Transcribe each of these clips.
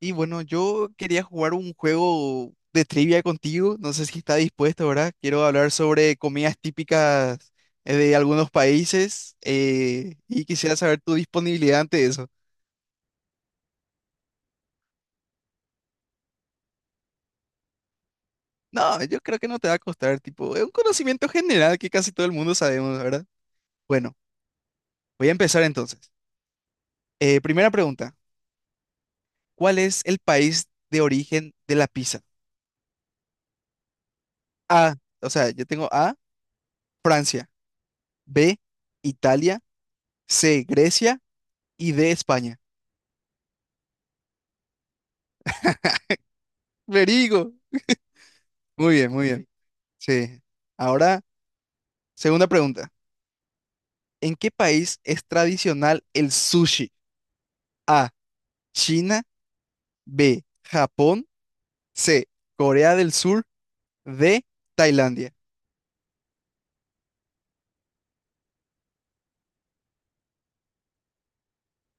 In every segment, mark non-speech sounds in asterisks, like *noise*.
Y bueno, yo quería jugar un juego de trivia contigo. No sé si está dispuesto, ¿verdad? Quiero hablar sobre comidas típicas de algunos países y quisiera saber tu disponibilidad ante eso. No, yo creo que no te va a costar, tipo, es un conocimiento general que casi todo el mundo sabemos, ¿verdad? Bueno, voy a empezar entonces. Primera pregunta, ¿cuál es el país de origen de la pizza? A, o sea, yo tengo A, Francia, B, Italia, C, Grecia y D, España. Verigo. Muy bien, muy bien. Sí. Ahora, segunda pregunta. ¿En qué país es tradicional el sushi? A, China, B, Japón, C, Corea del Sur, D, Tailandia.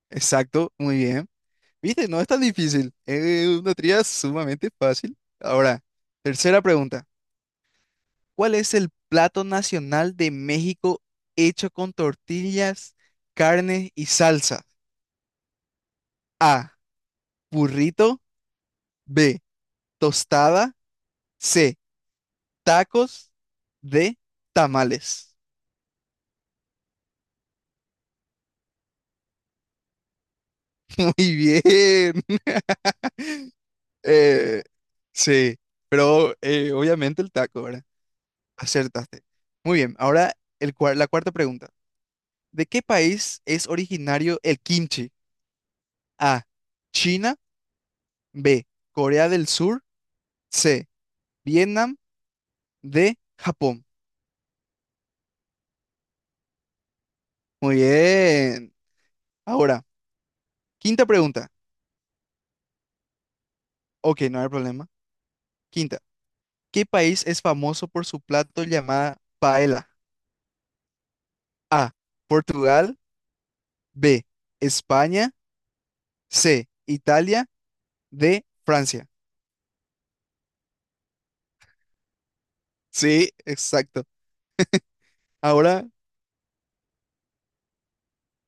Exacto, muy bien. ¿Viste? No es tan difícil. Es una tría sumamente fácil. Ahora, tercera pregunta. ¿Cuál es el plato nacional de México hecho con tortillas, carne y salsa? A, burrito, B, tostada. C, tacos. D, tamales. *laughs* Muy bien. *laughs* Eh, sí, pero obviamente el taco, ¿verdad? Acertaste. Muy bien, ahora la cuarta pregunta. ¿De qué país es originario el kimchi? A, China, B, Corea del Sur, C, Vietnam, D, Japón. Muy bien. Ahora, quinta pregunta. Ok, no hay problema. Quinta. ¿Qué país es famoso por su plato llamada paella? A, Portugal. B, España. C, Italia. D, Francia. Sí, exacto. Ahora,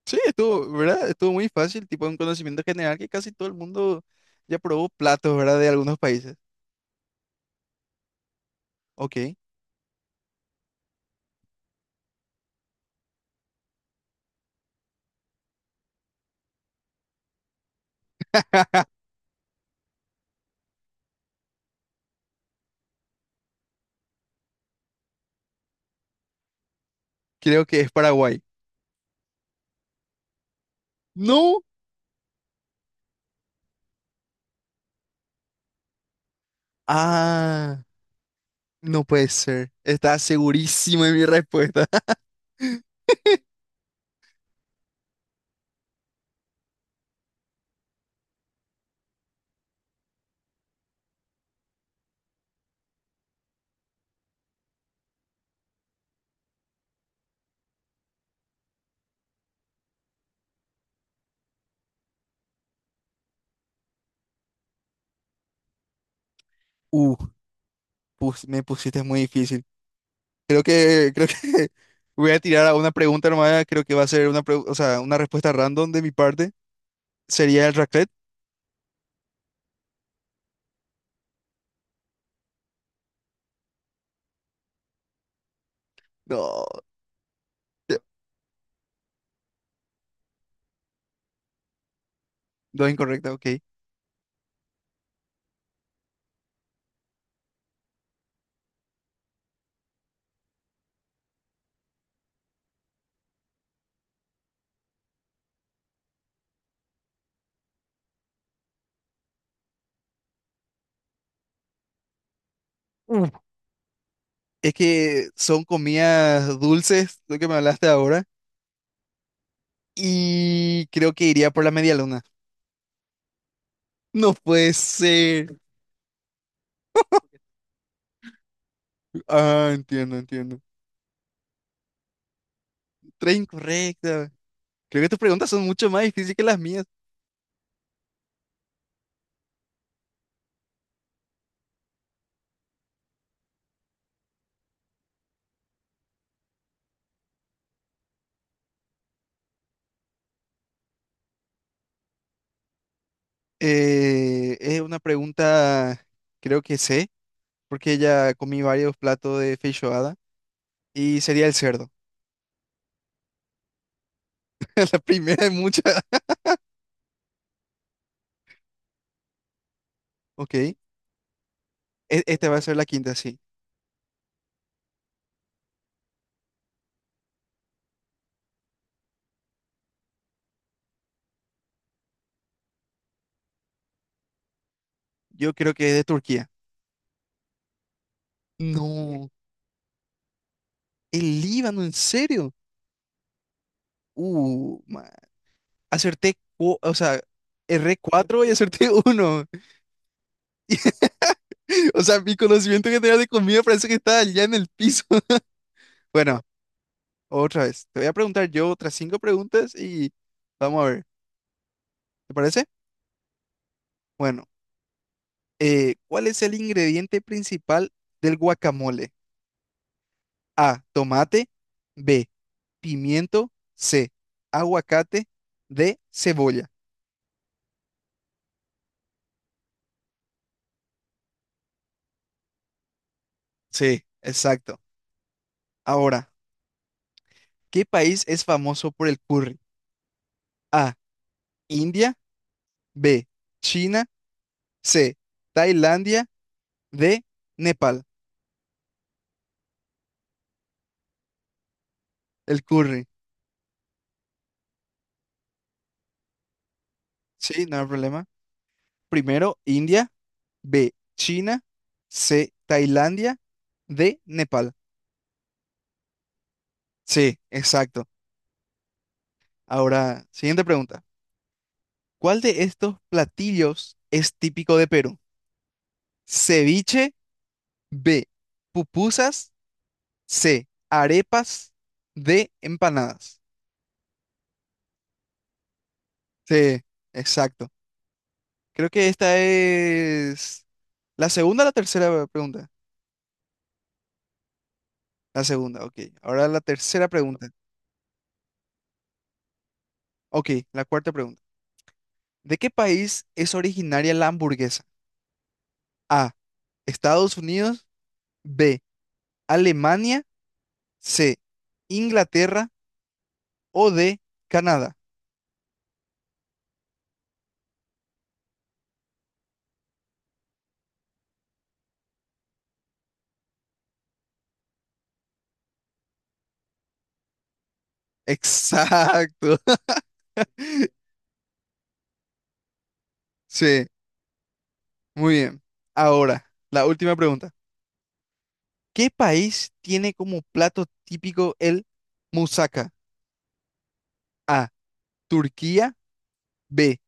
sí, estuvo, ¿verdad? Estuvo muy fácil, tipo un conocimiento general que casi todo el mundo ya probó platos, ¿verdad? De algunos países. Ok. *laughs* Creo que es Paraguay. No. Ah. No puede ser. Estaba segurísimo de mi respuesta. *laughs* Uh, Me pusiste muy difícil. Creo que *laughs* voy a tirar a una pregunta nomás. Creo que va a ser o sea, una respuesta random de mi parte. ¿Sería el raclette? No, dos incorrecta, ok. Es que son comidas dulces, lo que me hablaste ahora, y creo que iría por la media luna. No puede ser. Ah, entiendo, entiendo. Tres incorrecta. Creo que tus preguntas son mucho más difíciles que las mías. Es una pregunta, creo que sé, porque ya comí varios platos de feijoada, y sería el cerdo. *laughs* La primera de muchas. Ok, e- Esta va a ser la quinta, sí. Yo creo que es de Turquía. No, el Líbano, ¿en serio? Uh, Acerté, o sea, erré cuatro y acerté uno. *laughs* O sea, mi conocimiento general de comida parece que está allá en el piso. *laughs* Bueno, otra vez. Te voy a preguntar yo otras cinco preguntas y vamos a ver. ¿Te parece? Bueno, ¿cuál es el ingrediente principal del guacamole? A, tomate. B, pimiento. C, aguacate. D, cebolla. Sí, exacto. Ahora, ¿qué país es famoso por el curry? A, India. B, China, C, Tailandia, D, Nepal. El curry. Sí, no hay problema. Primero, India, B, China, C, Tailandia, D, Nepal. Sí, exacto. Ahora, siguiente pregunta. ¿Cuál de estos platillos es típico de Perú? Ceviche, B, pupusas, C, arepas, D, empanadas. Sí, exacto. Creo que esta es la segunda o la tercera pregunta. La segunda, ok. Ahora la tercera pregunta. Ok, la cuarta pregunta. ¿De qué país es originaria la hamburguesa? A, Estados Unidos, B, Alemania, C, Inglaterra o D, Canadá. Exacto. *laughs* Sí, muy bien. Ahora, la última pregunta. ¿Qué país tiene como plato típico el moussaka? A, Turquía, B,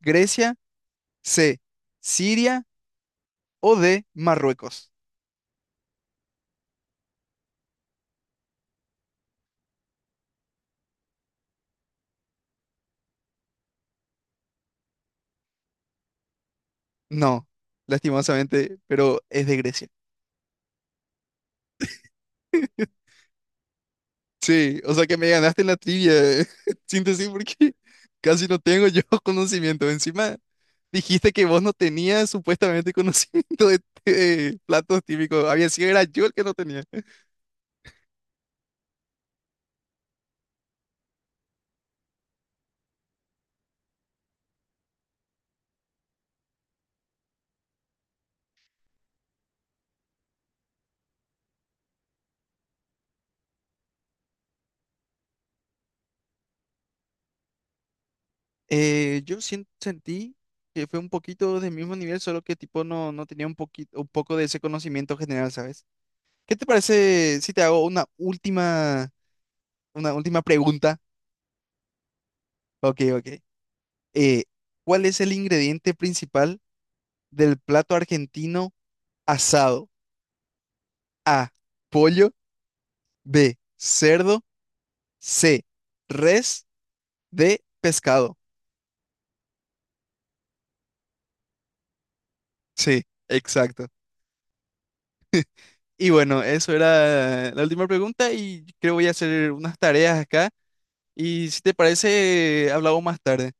Grecia, C, Siria o D, Marruecos. No, lastimosamente, pero es de Grecia. *laughs* Sí, o sea que me ganaste en la trivia, *laughs* síntesis, porque casi no tengo yo *laughs* conocimiento. Encima dijiste que vos no tenías supuestamente *laughs* conocimiento de platos típicos. Había sido era yo el que no tenía. Yo sentí que fue un poquito del mismo nivel, solo que tipo no, no tenía un poquito, un poco de ese conocimiento general, ¿sabes? ¿Qué te parece si te hago una última pregunta? Ok, ok. eh, ¿Cuál es el ingrediente principal del plato argentino asado? A, pollo, B, cerdo, C, res, D, pescado. Sí, exacto. Y bueno, eso era la última pregunta y creo voy a hacer unas tareas acá. Y si te parece, hablamos más tarde.